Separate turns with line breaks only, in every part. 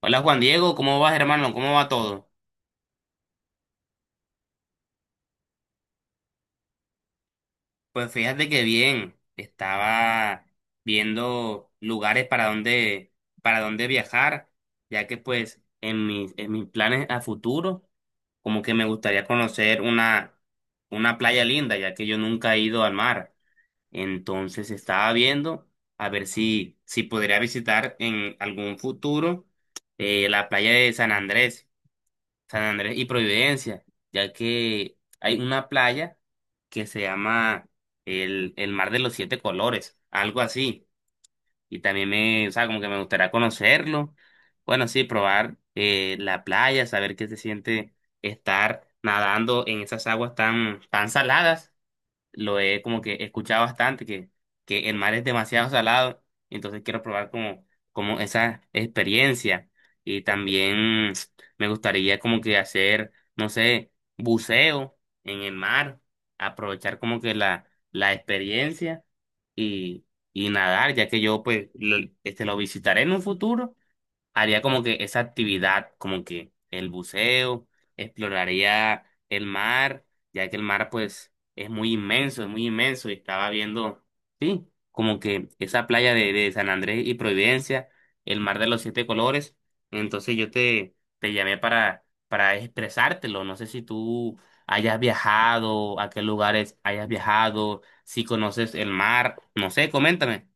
Hola Juan Diego, ¿cómo vas hermano? ¿Cómo va todo? Pues fíjate que bien, estaba viendo lugares para dónde viajar, ya que pues en mis planes a futuro, como que me gustaría conocer una playa linda, ya que yo nunca he ido al mar. Entonces estaba viendo a ver si podría visitar en algún futuro la playa de San Andrés. San Andrés y Providencia, ya que hay una playa que se llama el Mar de los Siete Colores, algo así. Y también o sea, como que me gustaría conocerlo. Bueno, sí, probar la playa, saber qué se siente estar nadando en esas aguas tan saladas lo he como que escuchado bastante, que el mar es demasiado salado, entonces quiero probar como, como esa experiencia. Y también me gustaría como que hacer, no sé, buceo en el mar, aprovechar como que la experiencia y, y nadar, ya que yo pues este, lo visitaré en un futuro haría como que esa actividad, como que el buceo, exploraría el mar, ya que el mar pues es muy inmenso y estaba viendo, sí, como que esa playa de San Andrés y Providencia, el mar de los siete colores, entonces yo te llamé para expresártelo, no sé si tú hayas viajado, a qué lugares hayas viajado, si conoces el mar, no sé, coméntame.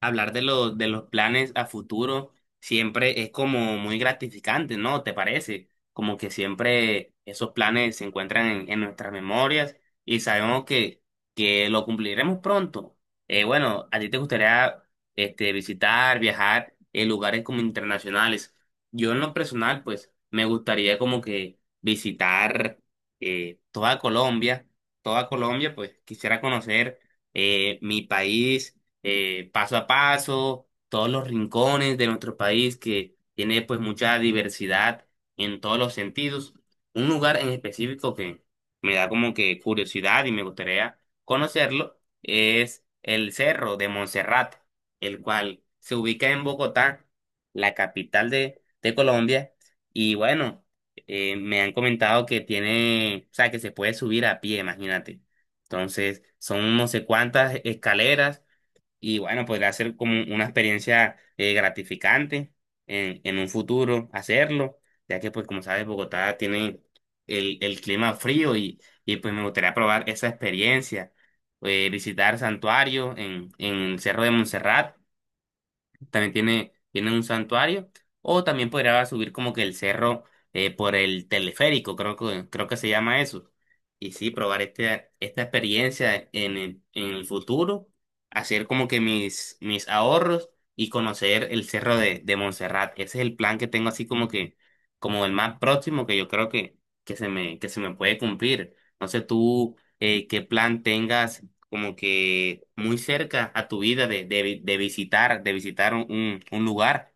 Hablar de los planes a futuro siempre es como muy gratificante, ¿no? ¿Te parece? Como que siempre esos planes se encuentran en nuestras memorias y sabemos que lo cumpliremos pronto. Bueno, a ti te gustaría este, visitar, viajar en lugares como internacionales. Yo en lo personal, pues, me gustaría como que visitar eh, toda Colombia, toda Colombia, pues quisiera conocer mi país paso a paso, todos los rincones de nuestro país que tiene pues mucha diversidad en todos los sentidos. Un lugar en específico que me da como que curiosidad y me gustaría conocerlo es el Cerro de Monserrate, el cual se ubica en Bogotá, la capital de Colombia, y bueno, me han comentado que tiene, o sea, que se puede subir a pie, imagínate. Entonces, son no sé cuántas escaleras y bueno, podría ser como una experiencia gratificante en un futuro hacerlo, ya que pues como sabes, Bogotá tiene el clima frío y pues me gustaría probar esa experiencia, visitar santuarios en el Cerro de Montserrat también tiene un santuario, o también podría subir como que el cerro por el teleférico, creo que se llama eso. Y sí, probar este, esta experiencia en el futuro, hacer como que mis ahorros y conocer el cerro de Montserrat. Ese es el plan que tengo así como que, como el más próximo que yo creo que se me puede cumplir. No sé tú qué plan tengas como que muy cerca a tu vida de visitar un lugar.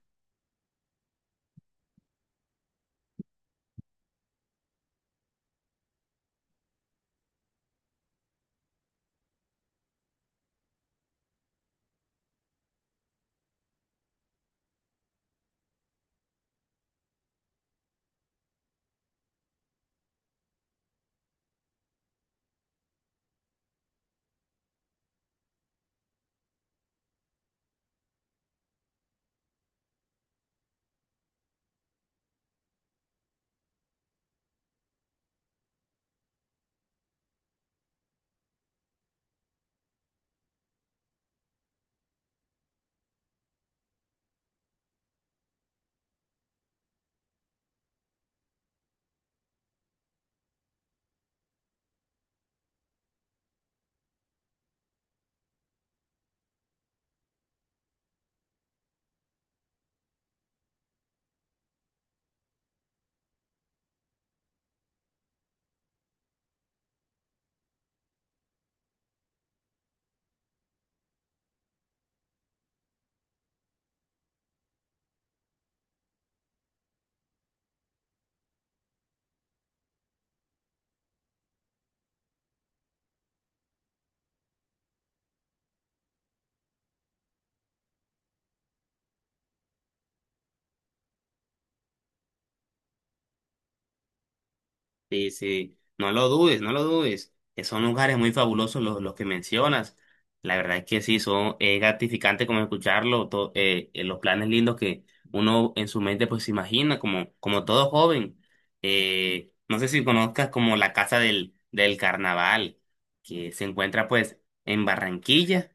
Sí, sí, no lo dudes, no lo dudes, que son lugares muy fabulosos los que mencionas. La verdad es que sí, son, es gratificante como escucharlo, los planes lindos que uno en su mente pues se imagina, como, como todo joven. No sé si conozcas como la Casa del Carnaval, que se encuentra pues en Barranquilla.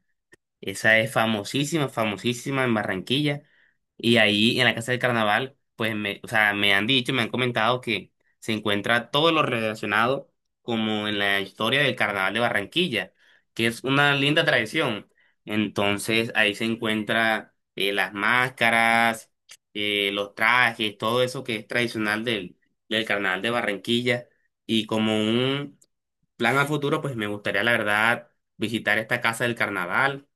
Esa es famosísima, famosísima en Barranquilla. Y ahí en la Casa del Carnaval, o sea, me han dicho, me han comentado que se encuentra todo lo relacionado como en la historia del Carnaval de Barranquilla, que es una linda tradición. Entonces ahí se encuentra las máscaras, los trajes, todo eso que es tradicional del Carnaval de Barranquilla. Y como un plan a futuro, pues me gustaría, la verdad, visitar esta Casa del Carnaval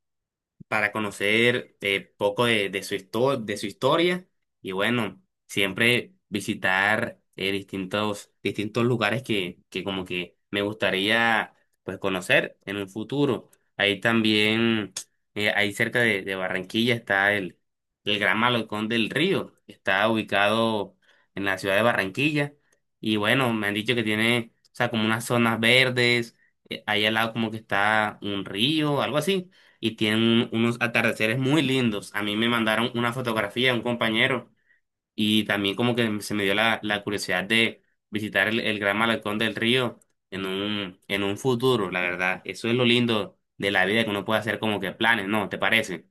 para conocer poco de su de su historia y bueno, siempre visitar distintos lugares que como que me gustaría pues conocer en un futuro. Ahí también, ahí cerca de Barranquilla está el Gran Malecón del Río, que está ubicado en la ciudad de Barranquilla y bueno, me han dicho que tiene, o sea, como unas zonas verdes, ahí al lado como que está un río, algo así y tienen unos atardeceres muy lindos. A mí me mandaron una fotografía, un compañero, y también como que se me dio la curiosidad de visitar el Gran Malecón del Río en en un futuro, la verdad. Eso es lo lindo de la vida, que uno puede hacer como que planes, ¿no? ¿Te parece?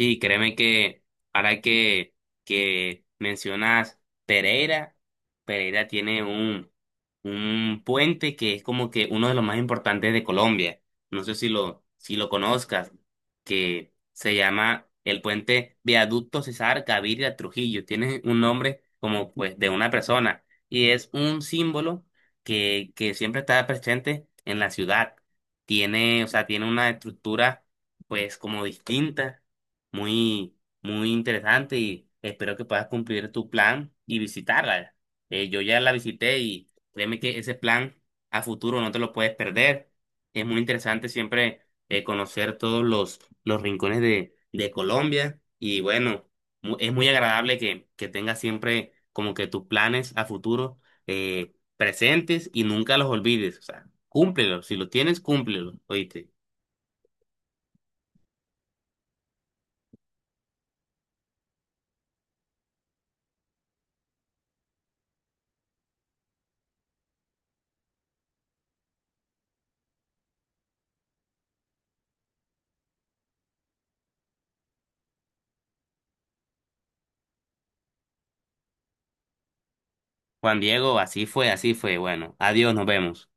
Y créeme que ahora que mencionas Pereira, Pereira tiene un puente que es como que uno de los más importantes de Colombia. No sé si lo conozcas, que se llama el puente Viaducto César Gaviria Trujillo. Tiene un nombre como pues de una persona y es un símbolo que siempre está presente en la ciudad. Tiene, o sea, tiene una estructura pues como distinta muy, muy interesante y espero que puedas cumplir tu plan y visitarla. Yo ya la visité y créeme que ese plan a futuro no te lo puedes perder. Es muy interesante siempre conocer todos los rincones de Colombia y bueno, es muy agradable que tengas siempre como que tus planes a futuro presentes y nunca los olvides. O sea, cúmplelos. Si los tienes, cúmplelos. Oíste. Juan Diego, así fue, así fue. Bueno, adiós, nos vemos.